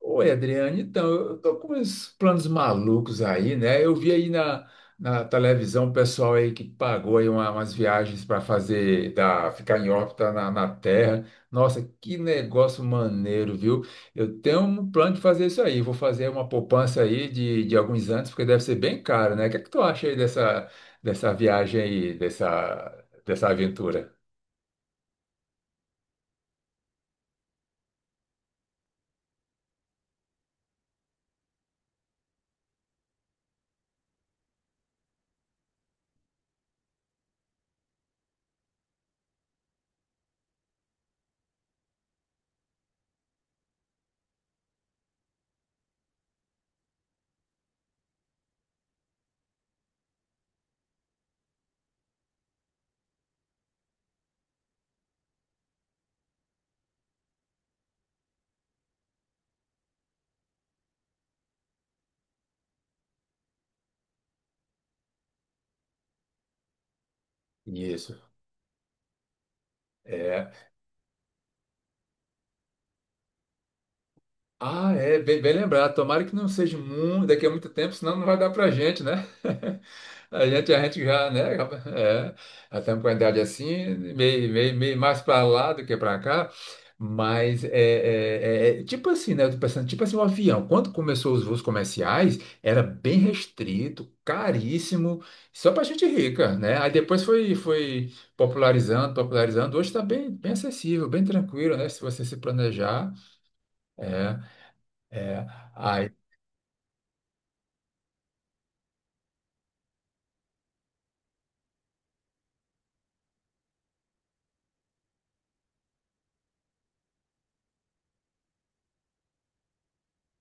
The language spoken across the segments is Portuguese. Oi, Adriane, então, eu tô com uns planos malucos aí, né? Eu vi aí na televisão o pessoal aí que pagou aí umas viagens para fazer, ficar em órbita na Terra. Nossa, que negócio maneiro, viu? Eu tenho um plano de fazer isso aí. Vou fazer uma poupança aí de alguns anos, porque deve ser bem caro, né? O que é que tu acha aí dessa viagem aí, dessa aventura? Isso. Ah, é, bem, bem lembrado. Tomara que não seja muito, daqui a muito tempo, senão não vai dar pra gente, né? A gente já, né? É, já estamos com a idade assim, meio mais para lá do que para cá. Mas é tipo assim, né? Eu tô pensando, tipo assim, o avião, quando começou os voos comerciais, era bem restrito, caríssimo, só para gente rica, né? Aí depois foi popularizando. Hoje está bem, bem acessível, bem tranquilo, né? Se você se planejar. É. É, aí,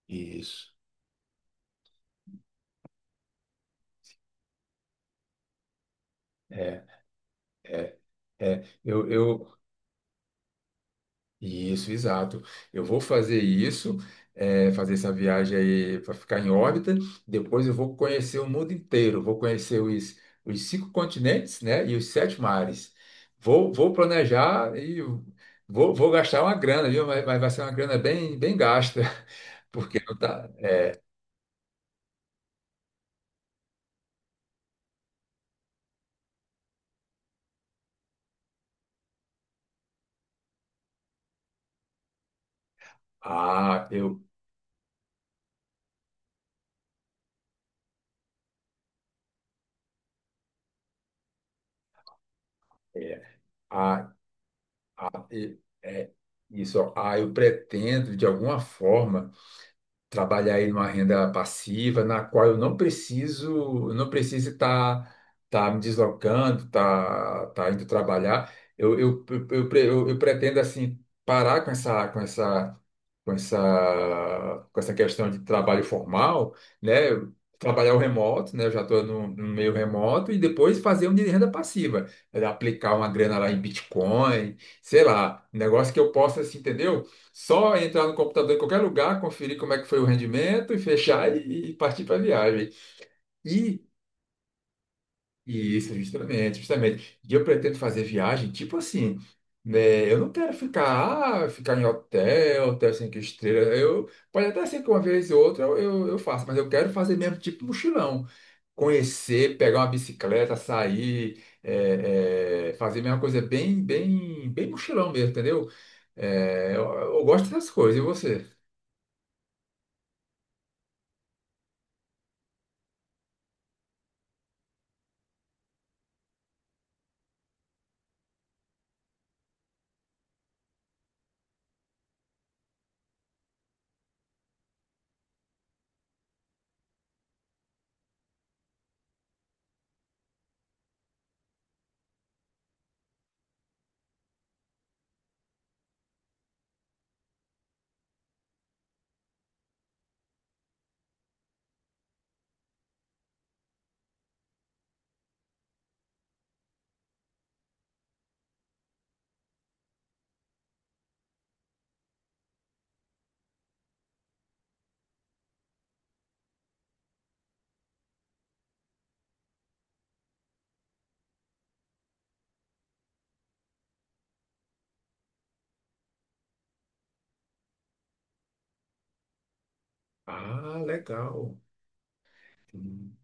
isso, é, é, é, eu, Isso, exato. Eu vou fazer isso, é, fazer essa viagem aí para ficar em órbita. Depois eu vou conhecer o mundo inteiro, vou conhecer os cinco continentes, né, e os sete mares. Vou planejar e vou gastar uma grana, viu? Mas vai ser uma grana bem, bem gasta, porque não tá. Ah, eu, é, ah, é, isso, ó. Ah, Eu pretendo de alguma forma trabalhar aí numa renda passiva, na qual eu não preciso estar tá me deslocando, tá indo trabalhar. Eu pretendo assim parar com essa questão de trabalho formal, né? Eu trabalhar o remoto, né? Eu já estou no meio remoto e depois fazer um de renda passiva. Era aplicar uma grana lá em Bitcoin, sei lá, um negócio que eu possa, assim, entendeu? Só entrar no computador em qualquer lugar, conferir como é que foi o rendimento e fechar e partir para a viagem. E isso, justamente. E eu pretendo fazer viagem, tipo assim, né? Eu não quero ficar, ah, ficar em hotel, hotel cinco estrelas. Eu, pode até ser que uma vez ou outra eu faça, mas eu quero fazer mesmo tipo mochilão. Conhecer, pegar uma bicicleta, sair, fazer mesma coisa bem, bem mochilão mesmo, entendeu? É, eu, eu gosto dessas coisas, e você? Ah, legal. Hum.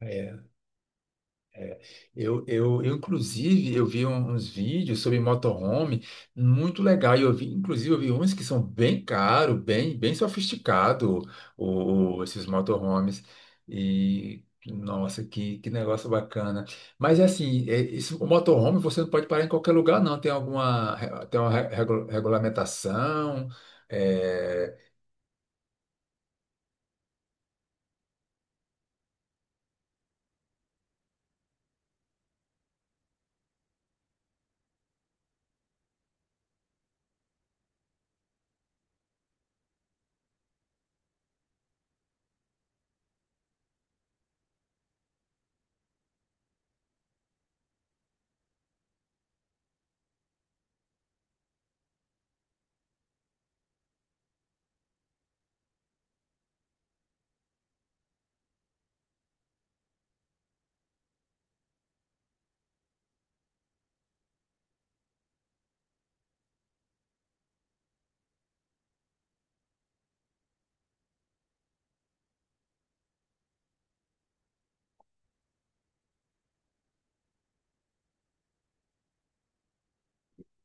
É. Eu, inclusive, eu vi uns vídeos sobre motorhome muito legal. E eu vi, inclusive, eu vi uns que são bem caro, bem, bem sofisticado, esses motorhomes. E, nossa, que negócio bacana. Mas, é assim, é, isso, o motorhome você não pode parar em qualquer lugar, não. Tem uma regulamentação, é.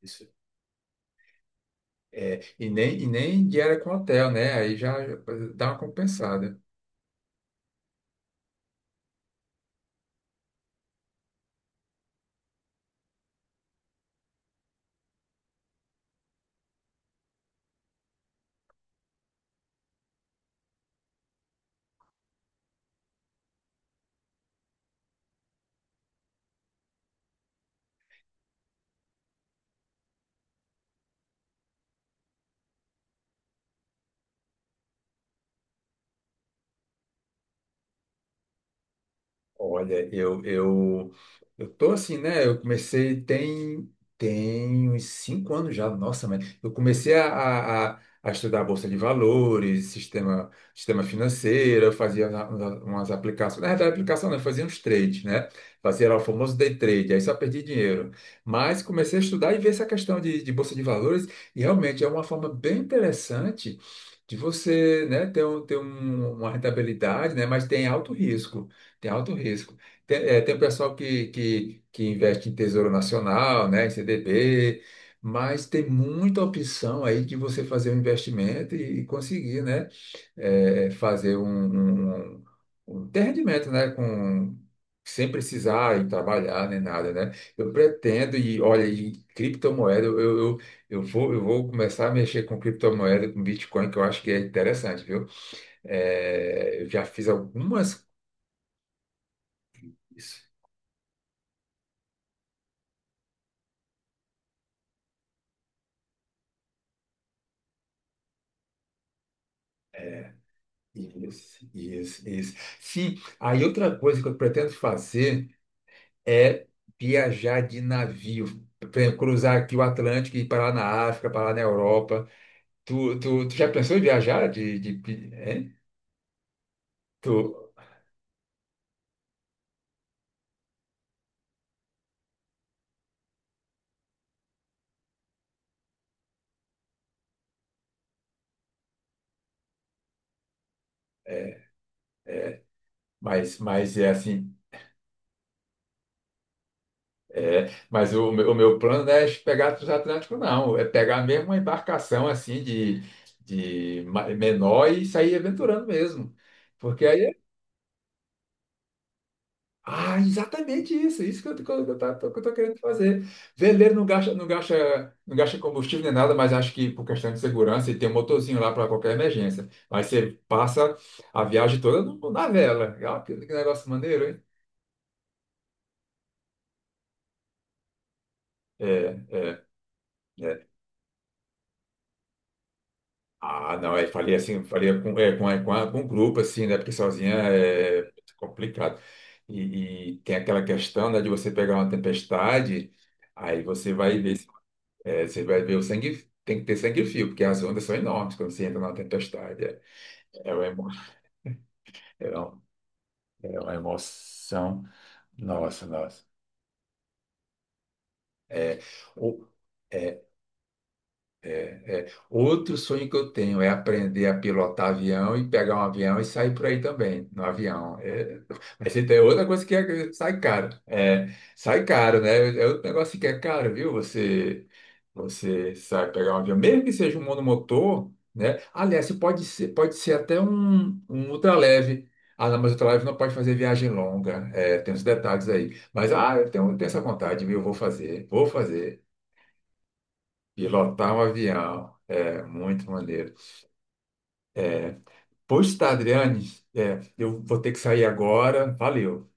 Isso. É, e nem diária com hotel, né? Aí já dá uma compensada. Olha, eu tô assim, né? Tem uns cinco anos já, nossa, mas eu comecei a estudar Bolsa de Valores, sistema financeiro, eu fazia umas aplicações, na verdade, aplicação não, eu fazia uns trades, né? Fazia lá o famoso day trade, aí só perdi dinheiro. Mas comecei a estudar e ver essa questão de Bolsa de Valores, e realmente é uma forma bem interessante de você, né, ter, um, ter uma rentabilidade, né? Mas tem alto risco. Tem alto risco. Tem, é, tem o pessoal que investe em Tesouro Nacional, né, em CDB, mas tem muita opção aí de você fazer um investimento e conseguir, né, é, fazer um ter rendimento, né, com, sem precisar ir trabalhar nem nada, né? Eu pretendo e olha, e criptomoeda, eu vou começar a mexer com criptomoeda, com Bitcoin, que eu acho que é interessante, viu? É, eu já fiz algumas. Isso, isso, isso. Sim, aí outra coisa que eu pretendo fazer é viajar de navio. Por exemplo, cruzar aqui o Atlântico e ir para lá na África, para lá na Europa. Tu já pensou em viajar hein? Tu, é, é, mas é assim, é, mas meu o meu plano não é pegar transatlântico, não. É pegar mesmo uma embarcação assim de menor e sair aventurando mesmo. Porque aí ah, exatamente isso. Isso que eu tô querendo fazer. Veleiro não gasta combustível nem nada, mas acho que por questão de segurança, e tem um motorzinho lá para qualquer emergência. Mas você passa a viagem toda na vela. Ah, que negócio maneiro, hein? É, é, é. Ah, não, eu falei assim, falei com, é, com, é, com, a- com um grupo, assim, né? Porque sozinha é complicado. E tem aquela questão, né, de você pegar uma tempestade, aí você vai ver. É, você vai ver o sangue, tem que ter sangue frio, porque as ondas são enormes quando você entra na tempestade. É, é, uma, emo- é, uma, é uma emoção. Nossa, nossa. É, o- é, é. Outro sonho que eu tenho é aprender a pilotar avião e pegar um avião e sair por aí também, no avião. É, mas isso é outra coisa que é- sai caro. É, sai caro, né? É outro negócio que é caro, viu? Você, você sai pegar um avião, mesmo que seja um monomotor, né? Aliás, você pode ser até um ultraleve. Ah, não, mas ultraleve não pode fazer viagem longa. É, tem uns detalhes aí. Mas, ah, eu tenho, tenho essa vontade, viu? Eu vou fazer, vou fazer. Pilotar um avião. É, muito maneiro. É, pois tá, Adriane, é, eu vou ter que sair agora. Valeu.